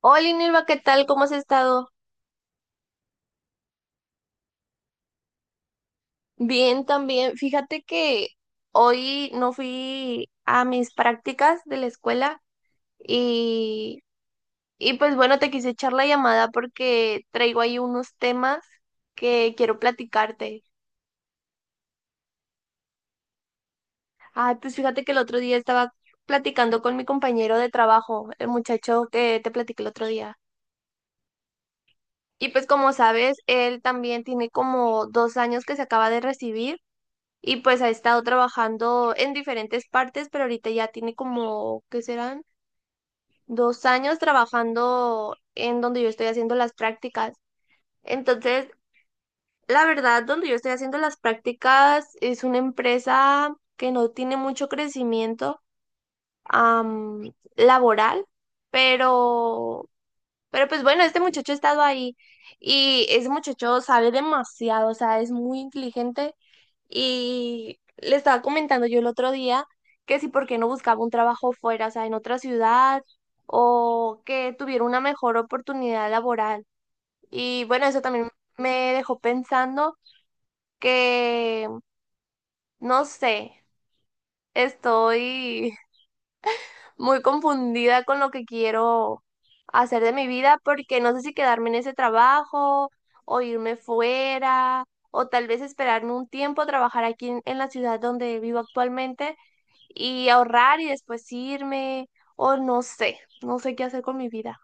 Hola, Nilva, ¿qué tal? ¿Cómo has estado? Bien, también. Fíjate que hoy no fui a mis prácticas de la escuela y, y pues bueno, te quise echar la llamada porque traigo ahí unos temas que quiero platicarte. Ay, pues fíjate que el otro día estaba platicando con mi compañero de trabajo, el muchacho que te platiqué el otro día. Y pues como sabes, él también tiene como 2 años que se acaba de recibir. Y pues ha estado trabajando en diferentes partes, pero ahorita ya tiene como, ¿qué serán? 2 años trabajando en donde yo estoy haciendo las prácticas. Entonces, la verdad, donde yo estoy haciendo las prácticas es una empresa que no tiene mucho crecimiento laboral, pero pues bueno, este muchacho ha estado ahí y ese muchacho sabe demasiado, o sea, es muy inteligente y le estaba comentando yo el otro día que si por qué no buscaba un trabajo fuera, o sea, en otra ciudad o que tuviera una mejor oportunidad laboral. Y bueno, eso también me dejó pensando que, no sé, estoy muy confundida con lo que quiero hacer de mi vida porque no sé si quedarme en ese trabajo o irme fuera o tal vez esperarme un tiempo a trabajar aquí en la ciudad donde vivo actualmente y ahorrar y después irme o no sé, no sé qué hacer con mi vida.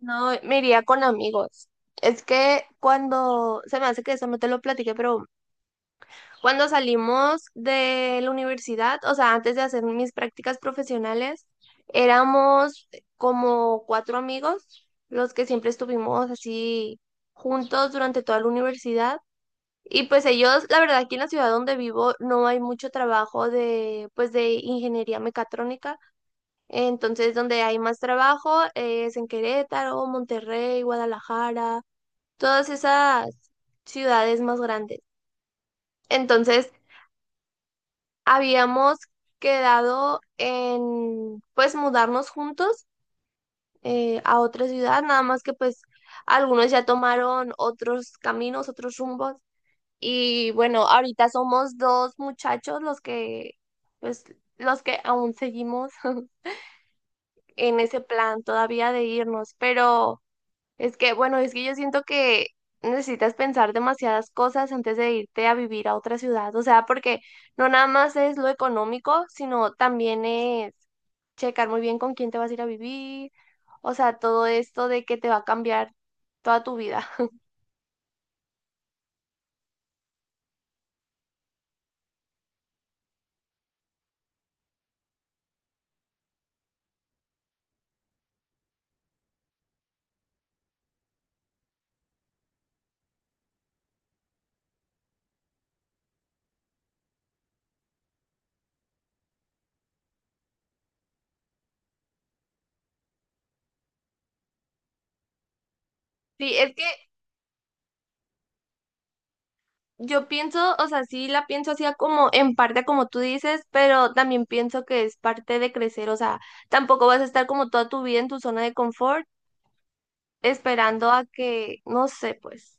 No, me iría con amigos. Es que cuando, se me hace que eso no te lo platiqué, pero cuando salimos de la universidad, o sea, antes de hacer mis prácticas profesionales, éramos como cuatro amigos, los que siempre estuvimos así juntos durante toda la universidad. Y pues ellos, la verdad, aquí en la ciudad donde vivo no hay mucho trabajo de, pues de ingeniería mecatrónica. Entonces, donde hay más trabajo es en Querétaro, Monterrey, Guadalajara, todas esas ciudades más grandes. Entonces, habíamos quedado en, pues, mudarnos juntos a otra ciudad, nada más que pues algunos ya tomaron otros caminos, otros rumbos. Y bueno, ahorita somos dos muchachos los que, pues, los que aún seguimos en ese plan todavía de irnos, pero... Es que, bueno, es que yo siento que necesitas pensar demasiadas cosas antes de irte a vivir a otra ciudad, o sea, porque no nada más es lo económico, sino también es checar muy bien con quién te vas a ir a vivir, o sea, todo esto de que te va a cambiar toda tu vida. Sí, es que yo pienso, o sea, sí la pienso así a como en parte como tú dices, pero también pienso que es parte de crecer, o sea, tampoco vas a estar como toda tu vida en tu zona de confort esperando a que, no sé, pues.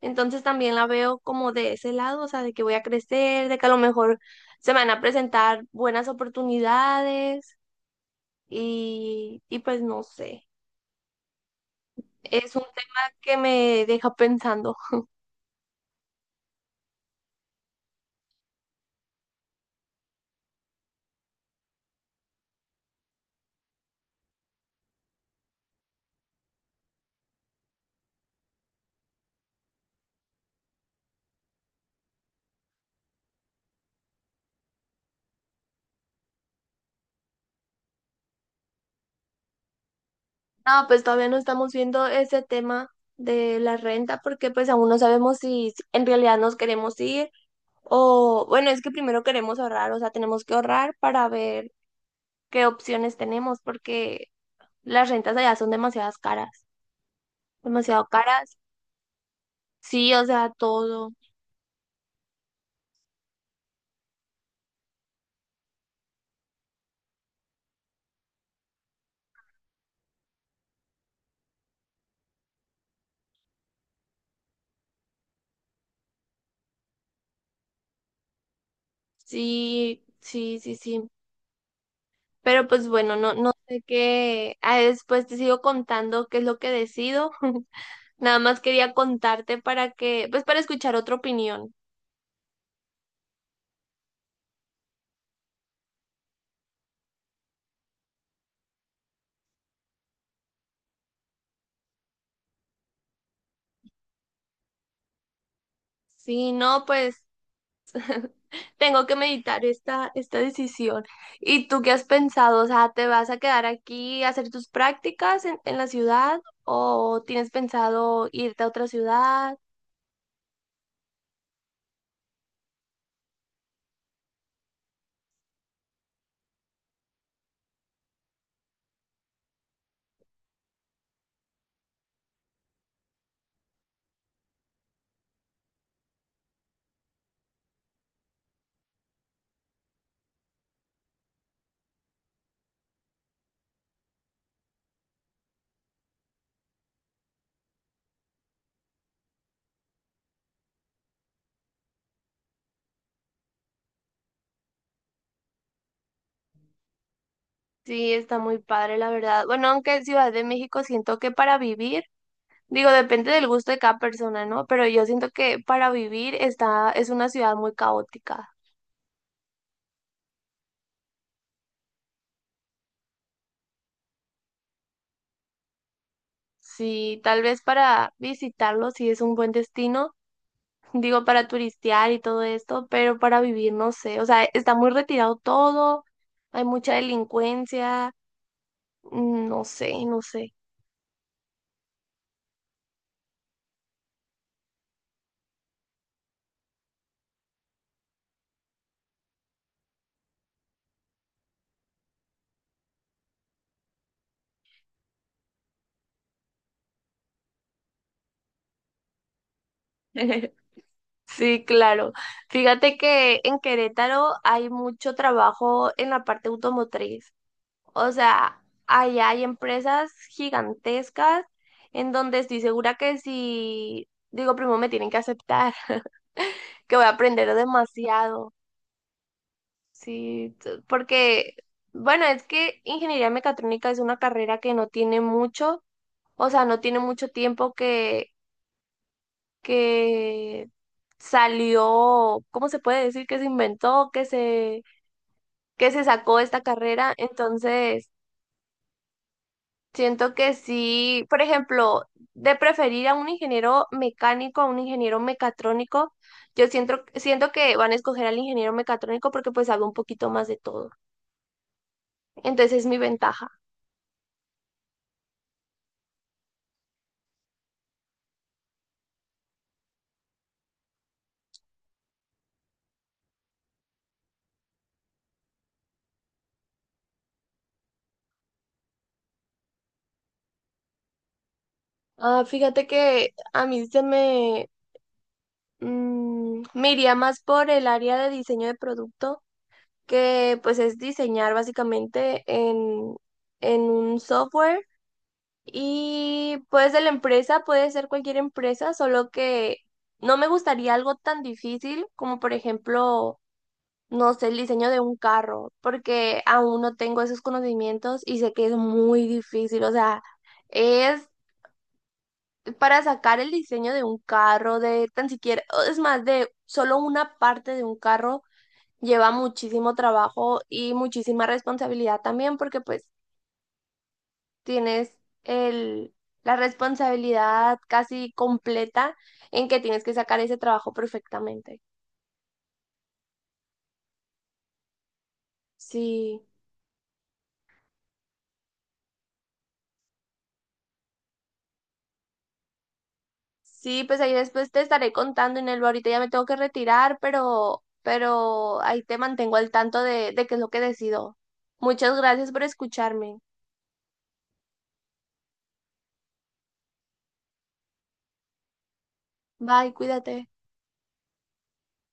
Entonces también la veo como de ese lado, o sea, de que voy a crecer, de que a lo mejor se me van a presentar buenas oportunidades y pues no sé, es un tema que me deja pensando. No, pues todavía no estamos viendo ese tema de la renta porque pues aún no sabemos si en realidad nos queremos ir o bueno, es que primero queremos ahorrar, o sea, tenemos que ahorrar para ver qué opciones tenemos porque las rentas allá son demasiadas caras, demasiado caras. Sí, o sea, todo. Sí, sí, sí, sí. Pero pues bueno, no, no sé qué. Ah, después te sigo contando qué es lo que decido. Nada más quería contarte para que, pues para escuchar otra opinión. Sí, no, pues tengo que meditar esta decisión. ¿Y tú qué has pensado? O sea, ¿te vas a quedar aquí a hacer tus prácticas en la ciudad o tienes pensado irte a otra ciudad? Sí, está muy padre, la verdad. Bueno, aunque Ciudad de México siento que para vivir, digo, depende del gusto de cada persona, ¿no? Pero yo siento que para vivir está, es una ciudad muy caótica. Sí, tal vez para visitarlo sí es un buen destino, digo, para turistear y todo esto, pero para vivir no sé, o sea, está muy retirado todo, hay mucha delincuencia, no sé, no sé. Sí, claro. Fíjate que en Querétaro hay mucho trabajo en la parte automotriz. O sea, allá hay empresas gigantescas en donde estoy segura que si digo primo me tienen que aceptar, que voy a aprender demasiado, sí, porque, bueno, es que ingeniería mecatrónica es una carrera que no tiene mucho, o sea, no tiene mucho tiempo que salió, ¿cómo se puede decir? Que se inventó, que se sacó esta carrera, entonces... Siento que sí, por ejemplo, de preferir a un ingeniero mecánico a un ingeniero mecatrónico, yo siento que van a escoger al ingeniero mecatrónico porque pues sabe un poquito más de todo. Entonces es mi ventaja. Ah, fíjate que a mí se me, me iría más por el área de diseño de producto, que pues es diseñar básicamente en un software. Y pues de la empresa puede ser cualquier empresa, solo que no me gustaría algo tan difícil como por ejemplo, no sé, el diseño de un carro, porque aún no tengo esos conocimientos y sé que es muy difícil, o sea, es para sacar el diseño de un carro, de tan siquiera, o es más, de solo una parte de un carro lleva muchísimo trabajo y muchísima responsabilidad también, porque pues tienes el, la responsabilidad casi completa en que tienes que sacar ese trabajo perfectamente. Sí, sí, pues ahí después te estaré contando, Inelva. Ahorita ya me tengo que retirar, pero ahí te mantengo al tanto de qué es lo que decido. Muchas gracias por escucharme. Bye, cuídate.